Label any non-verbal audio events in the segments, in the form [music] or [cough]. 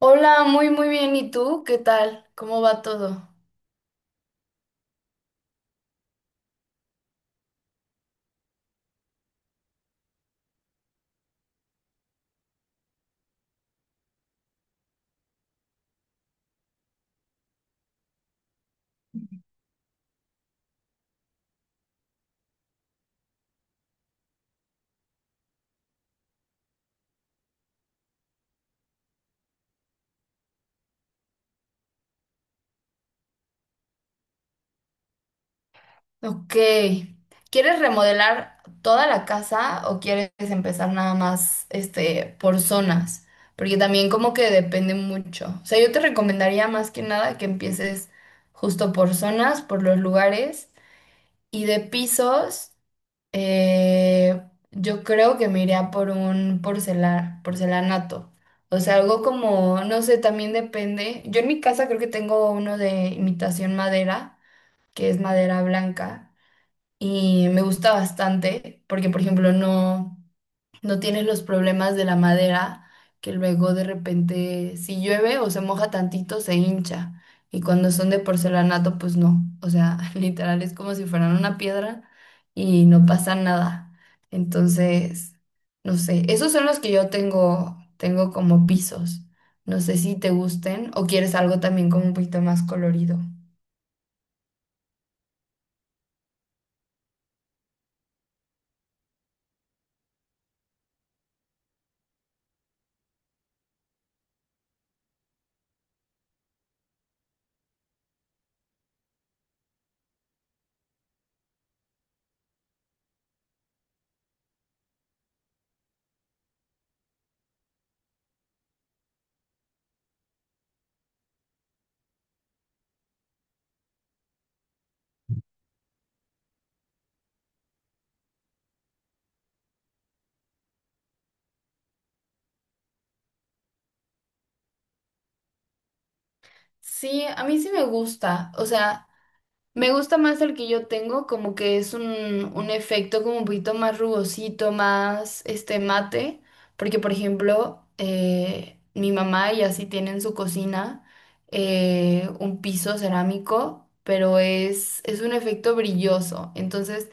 Hola, muy muy bien. ¿Y tú? ¿Qué tal? ¿Cómo va todo? Ok. ¿Quieres remodelar toda la casa o quieres empezar nada más por zonas? Porque también como que depende mucho. O sea, yo te recomendaría más que nada que empieces justo por zonas, por los lugares. Y de pisos, yo creo que me iría por un porcelanato. O sea, algo como, no sé, también depende. Yo en mi casa creo que tengo uno de imitación madera, que es madera blanca, y me gusta bastante, porque por ejemplo no tienes los problemas de la madera, que luego de repente si llueve o se moja tantito se hincha. Y cuando son de porcelanato, pues no. O sea, [laughs] literal es como si fueran una piedra y no pasa nada. Entonces, no sé, esos son los que yo tengo, tengo como pisos. No sé si te gusten o quieres algo también como un poquito más colorido. Sí, a mí sí me gusta. O sea, me gusta más el que yo tengo, como que es un efecto como un poquito más rugosito, más mate, porque por ejemplo, mi mamá y así tiene en su cocina un piso cerámico, pero es un efecto brilloso, entonces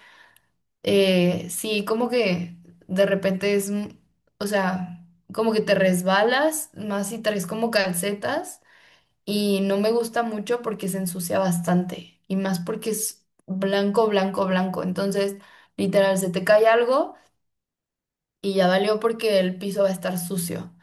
sí, como que de repente es, o sea, como que te resbalas, más si traes como calcetas, y no me gusta mucho porque se ensucia bastante y más porque es blanco, blanco, blanco. Entonces, literal, se te cae algo y ya valió porque el piso va a estar sucio,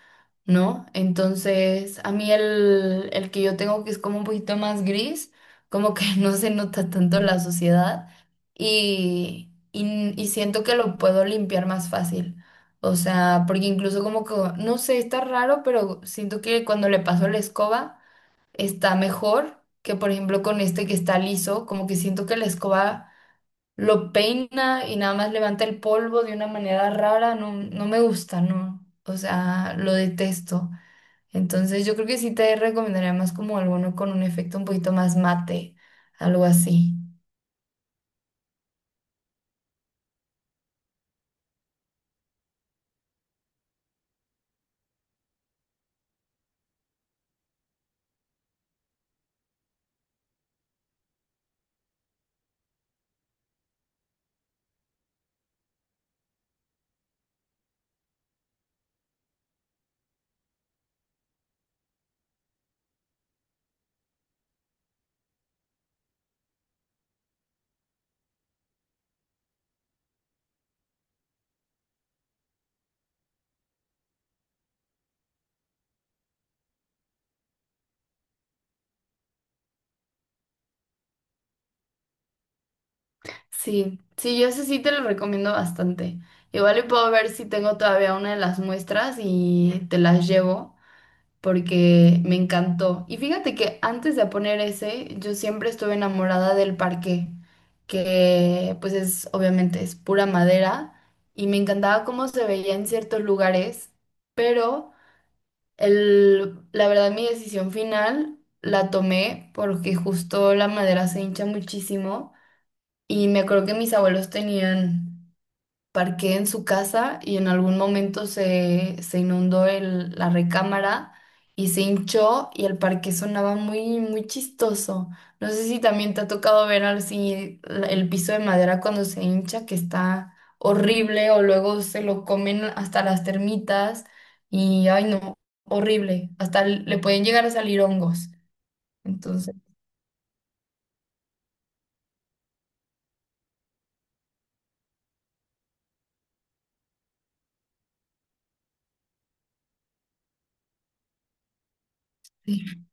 ¿no? Entonces, a mí el que yo tengo que es como un poquito más gris, como que [laughs] no se nota tanto la suciedad y siento que lo puedo limpiar más fácil. O sea, porque incluso como que, no sé, está raro, pero siento que cuando le paso la escoba, está mejor que, por ejemplo, con este que está liso, como que siento que la escoba lo peina y nada más levanta el polvo de una manera rara. No, no me gusta, no, o sea, lo detesto. Entonces yo creo que sí te recomendaría más como alguno con un efecto un poquito más mate, algo así. Sí, sí, yo ese sí te lo recomiendo bastante. Igual y puedo ver si tengo todavía una de las muestras y te las llevo, porque me encantó. Y fíjate que antes de poner ese, yo siempre estuve enamorada del parque, que pues es obviamente es pura madera y me encantaba cómo se veía en ciertos lugares, pero la verdad mi decisión final la tomé porque justo la madera se hincha muchísimo. Y me acuerdo que mis abuelos tenían parqué en su casa y en algún momento se inundó la recámara y se hinchó y el parque sonaba muy, muy chistoso. No sé si también te ha tocado ver así el piso de madera cuando se hincha, que está horrible, o luego se lo comen hasta las termitas y, ay no, horrible, hasta le pueden llegar a salir hongos. Entonces, sí.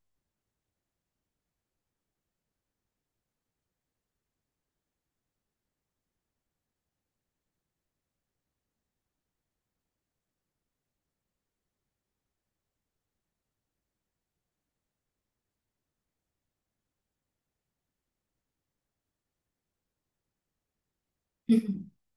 [laughs]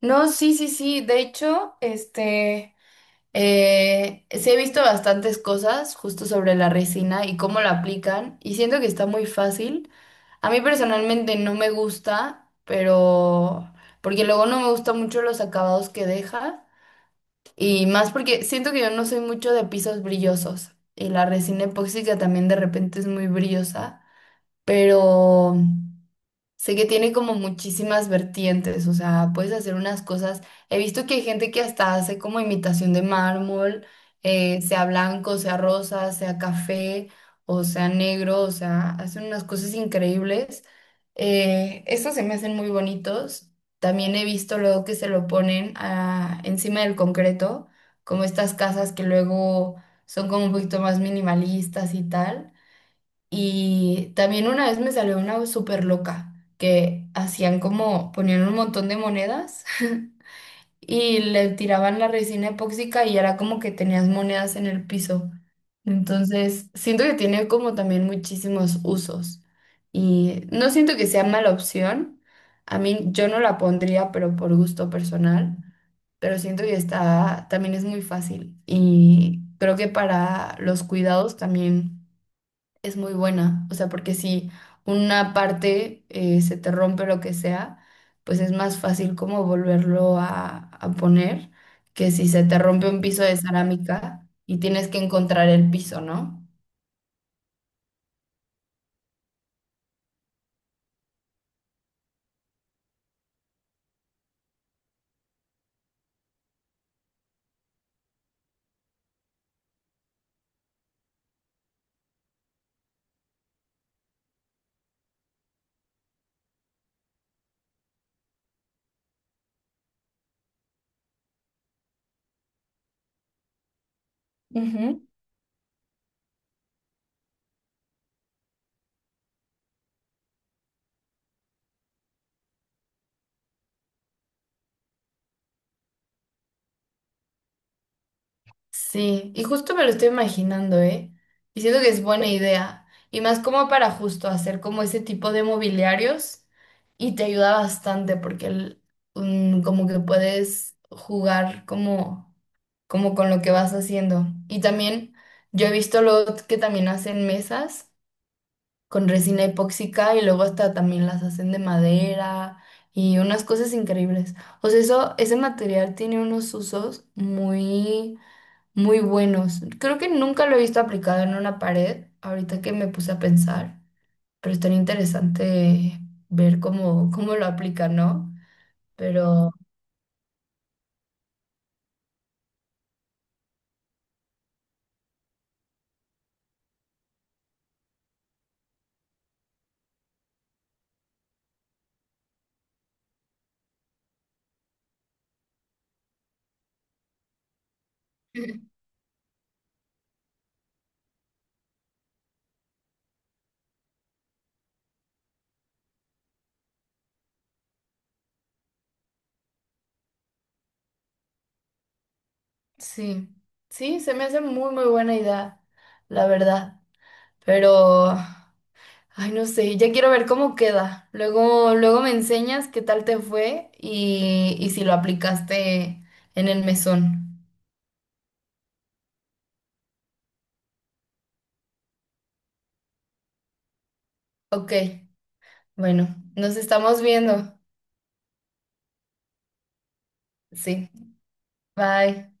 No, sí, sí, sí. De hecho, sí he visto bastantes cosas justo sobre la resina y cómo la aplican y siento que está muy fácil. A mí personalmente no me gusta, pero porque luego no me gustan mucho los acabados que deja, y más porque siento que yo no soy mucho de pisos brillosos y la resina epóxica también de repente es muy brillosa, pero... Sé que tiene como muchísimas vertientes, o sea, puedes hacer unas cosas. He visto que hay gente que hasta hace como imitación de mármol, sea blanco, sea rosa, sea café o sea negro, o sea, hacen unas cosas increíbles. Estos se me hacen muy bonitos. También he visto luego que se lo ponen encima del concreto, como estas casas que luego son como un poquito más minimalistas y tal. Y también una vez me salió una súper loca que hacían como, ponían un montón de monedas [laughs] y le tiraban la resina epóxica y era como que tenías monedas en el piso. Entonces, siento que tiene como también muchísimos usos y no siento que sea mala opción. A mí yo no la pondría, pero por gusto personal, pero siento que está, también es muy fácil y creo que para los cuidados también es muy buena. O sea, porque si una parte se te rompe lo que sea, pues es más fácil como volverlo a poner que si se te rompe un piso de cerámica y tienes que encontrar el piso, ¿no? Sí, y justo me lo estoy imaginando, ¿eh? Y siento que es buena idea. Y más como para justo hacer como ese tipo de mobiliarios y te ayuda bastante porque como que puedes jugar como con lo que vas haciendo. Y también yo he visto luego que también hacen mesas con resina epóxica y luego hasta también las hacen de madera y unas cosas increíbles. O sea, ese material tiene unos usos muy muy buenos. Creo que nunca lo he visto aplicado en una pared, ahorita que me puse a pensar, pero es tan interesante ver cómo lo aplica, ¿no? Pero [laughs] sí, sí, se me hace muy, muy buena idea, la verdad. Pero, ay, no sé, ya quiero ver cómo queda. Luego, luego me enseñas qué tal te fue y si lo aplicaste en el mesón. Ok, bueno, nos estamos viendo. Sí, bye.